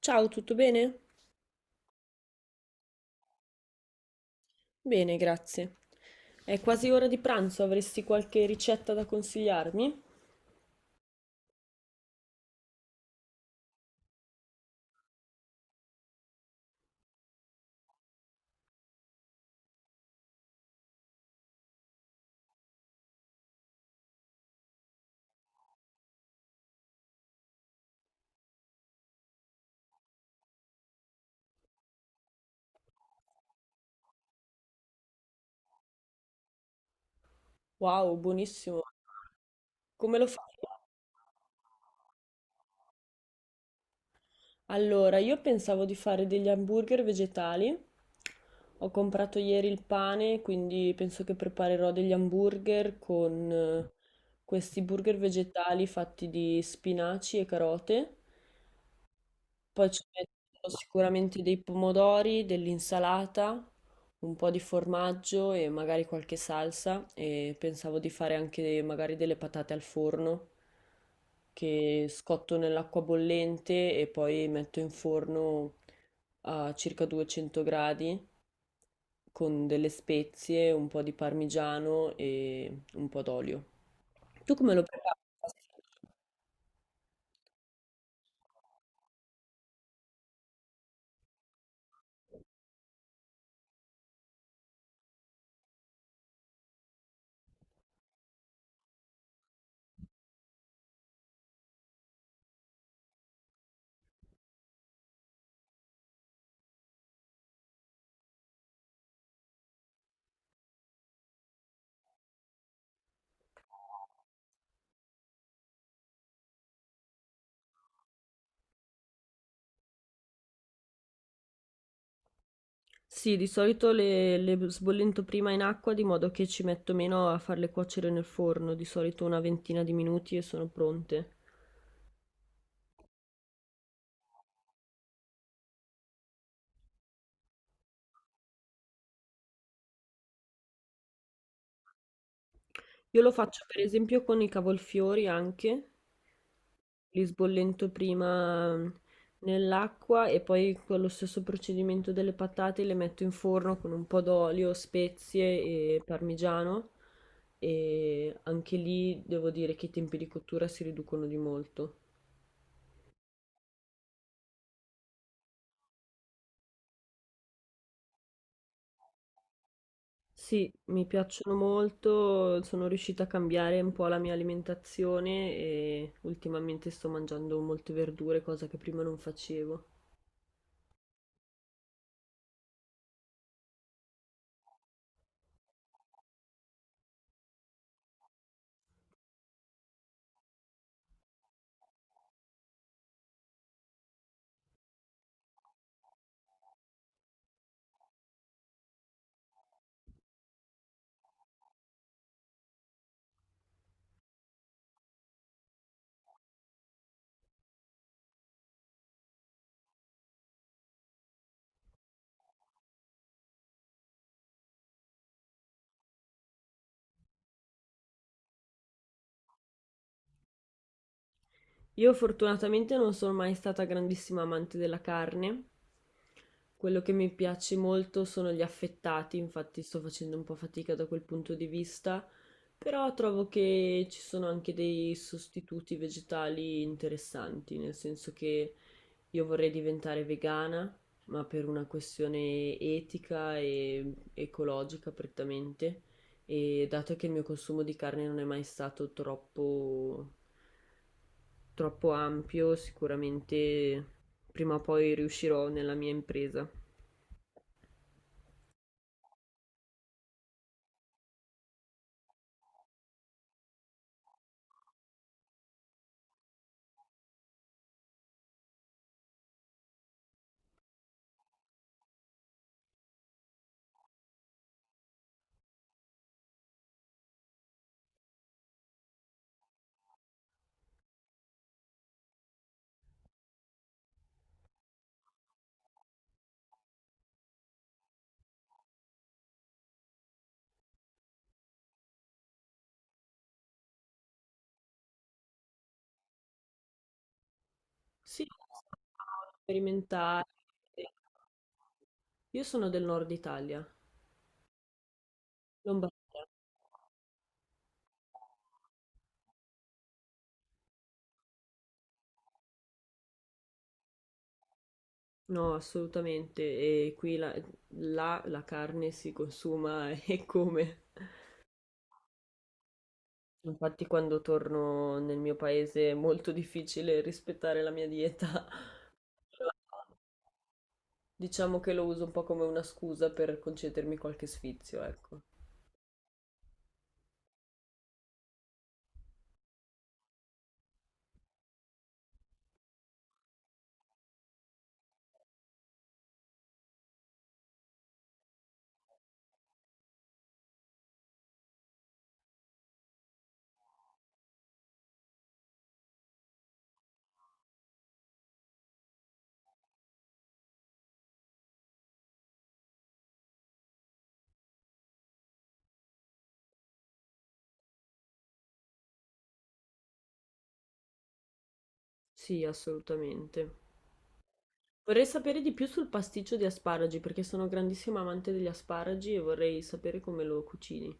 Ciao, tutto bene? Bene, grazie. È quasi ora di pranzo, avresti qualche ricetta da consigliarmi? Wow, buonissimo. Come lo fai? Allora, io pensavo di fare degli hamburger vegetali. Ho comprato ieri il pane, quindi penso che preparerò degli hamburger con questi burger vegetali fatti di spinaci e carote. Poi ci metto sicuramente dei pomodori, dell'insalata, un po' di formaggio e magari qualche salsa e pensavo di fare anche magari delle patate al forno che scotto nell'acqua bollente e poi metto in forno a circa 200 gradi con delle spezie, un po' di parmigiano e un po' d'olio. Tu come lo prepari? Sì, di solito le sbollento prima in acqua di modo che ci metto meno a farle cuocere nel forno, di solito una ventina di minuti e sono pronte. Io lo faccio per esempio con i cavolfiori anche, li sbollento prima nell'acqua e poi con lo stesso procedimento delle patate le metto in forno con un po' d'olio, spezie e parmigiano e anche lì devo dire che i tempi di cottura si riducono di molto. Sì, mi piacciono molto, sono riuscita a cambiare un po' la mia alimentazione e ultimamente sto mangiando molte verdure, cosa che prima non facevo. Io fortunatamente non sono mai stata grandissima amante della carne, quello che mi piace molto sono gli affettati, infatti sto facendo un po' fatica da quel punto di vista, però trovo che ci sono anche dei sostituti vegetali interessanti, nel senso che io vorrei diventare vegana, ma per una questione etica e ecologica prettamente, e dato che il mio consumo di carne non è mai stato troppo, troppo ampio, sicuramente prima o poi riuscirò nella mia impresa. Sì, sperimentare. Io sono del nord Italia, Lombardia. No, assolutamente, e qui là la carne si consuma e come. Infatti quando torno nel mio paese è molto difficile rispettare la mia dieta, però diciamo che lo uso un po' come una scusa per concedermi qualche sfizio, ecco. Sì, assolutamente. Vorrei sapere di più sul pasticcio di asparagi, perché sono grandissima amante degli asparagi e vorrei sapere come lo cucini.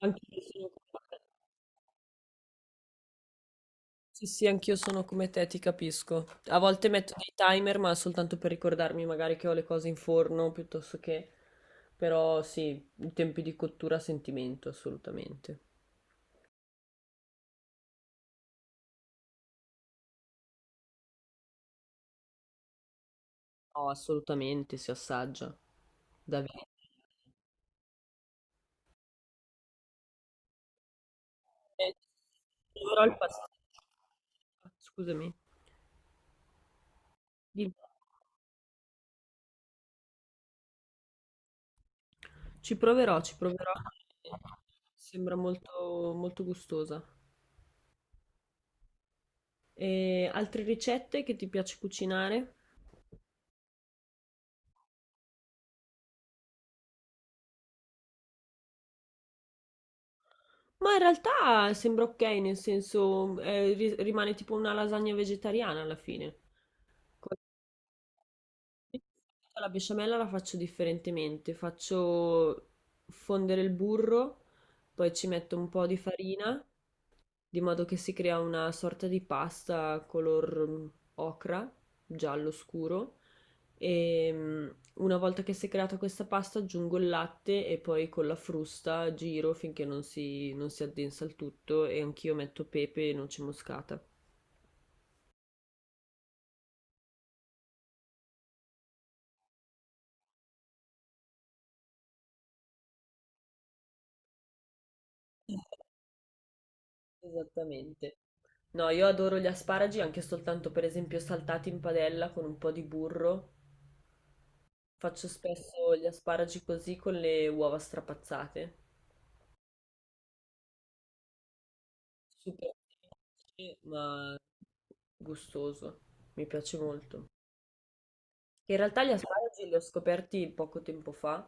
Anche io sono Sì, sì, anch'io sono come te, ti capisco. A volte metto dei timer, ma soltanto per ricordarmi magari che ho le cose in forno, piuttosto che... Però sì, i tempi di cottura a sentimento, assolutamente. No, assolutamente, si assaggia. Davvero. Eh, Ci proverò il pastello, scusami. Dimmi. Ci proverò, ci proverò. eh, Sembra molto, molto gustosa. E altre ricette che ti piace cucinare? Ma in realtà sembra ok, nel senso, rimane tipo una lasagna vegetariana alla fine. Con- La besciamella la faccio differentemente, faccio fondere il burro, poi ci metto un po' di farina, di modo che si crea una sorta di pasta color ocra, giallo scuro. E una volta che si è creata questa pasta aggiungo il latte e poi con la frusta giro finché non si addensa il tutto e anch'io metto pepe e noce moscata. Esattamente. No, io adoro gli asparagi anche soltanto per esempio saltati in padella con un po' di burro. Faccio spesso gli asparagi così con le uova strapazzate. Super semplice, ma gustoso. Mi piace molto. Che In realtà gli asparagi li ho scoperti poco tempo fa,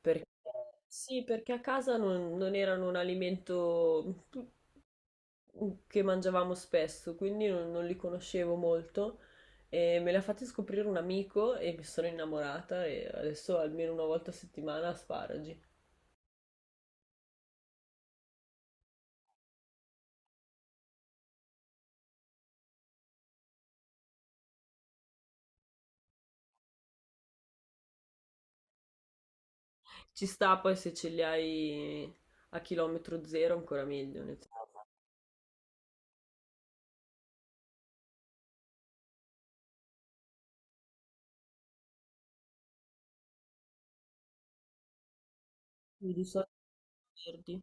perché sì, perché a casa non erano un alimento che mangiavamo spesso, quindi non li conoscevo molto. E me li ha fatti scoprire un amico e mi sono innamorata e adesso almeno una volta a settimana asparagi. Ci sta poi se ce li hai a chilometro zero ancora meglio, nel senso, di solito verdi.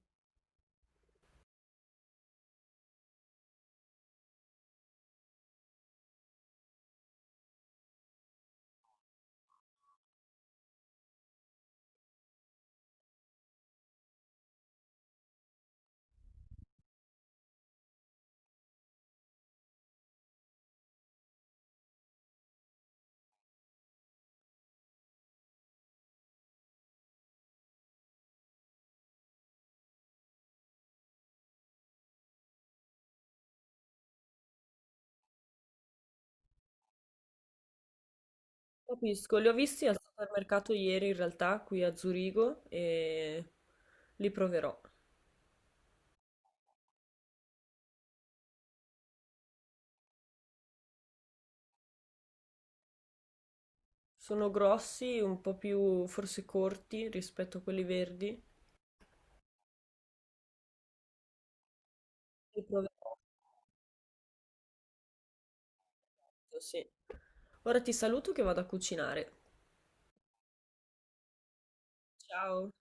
Capisco, li ho visti al supermercato ieri in realtà qui a Zurigo e li proverò. Sono grossi, un po' più forse corti rispetto a quelli verdi. Li proverò, sì. Ora ti saluto che vado a cucinare. Ciao.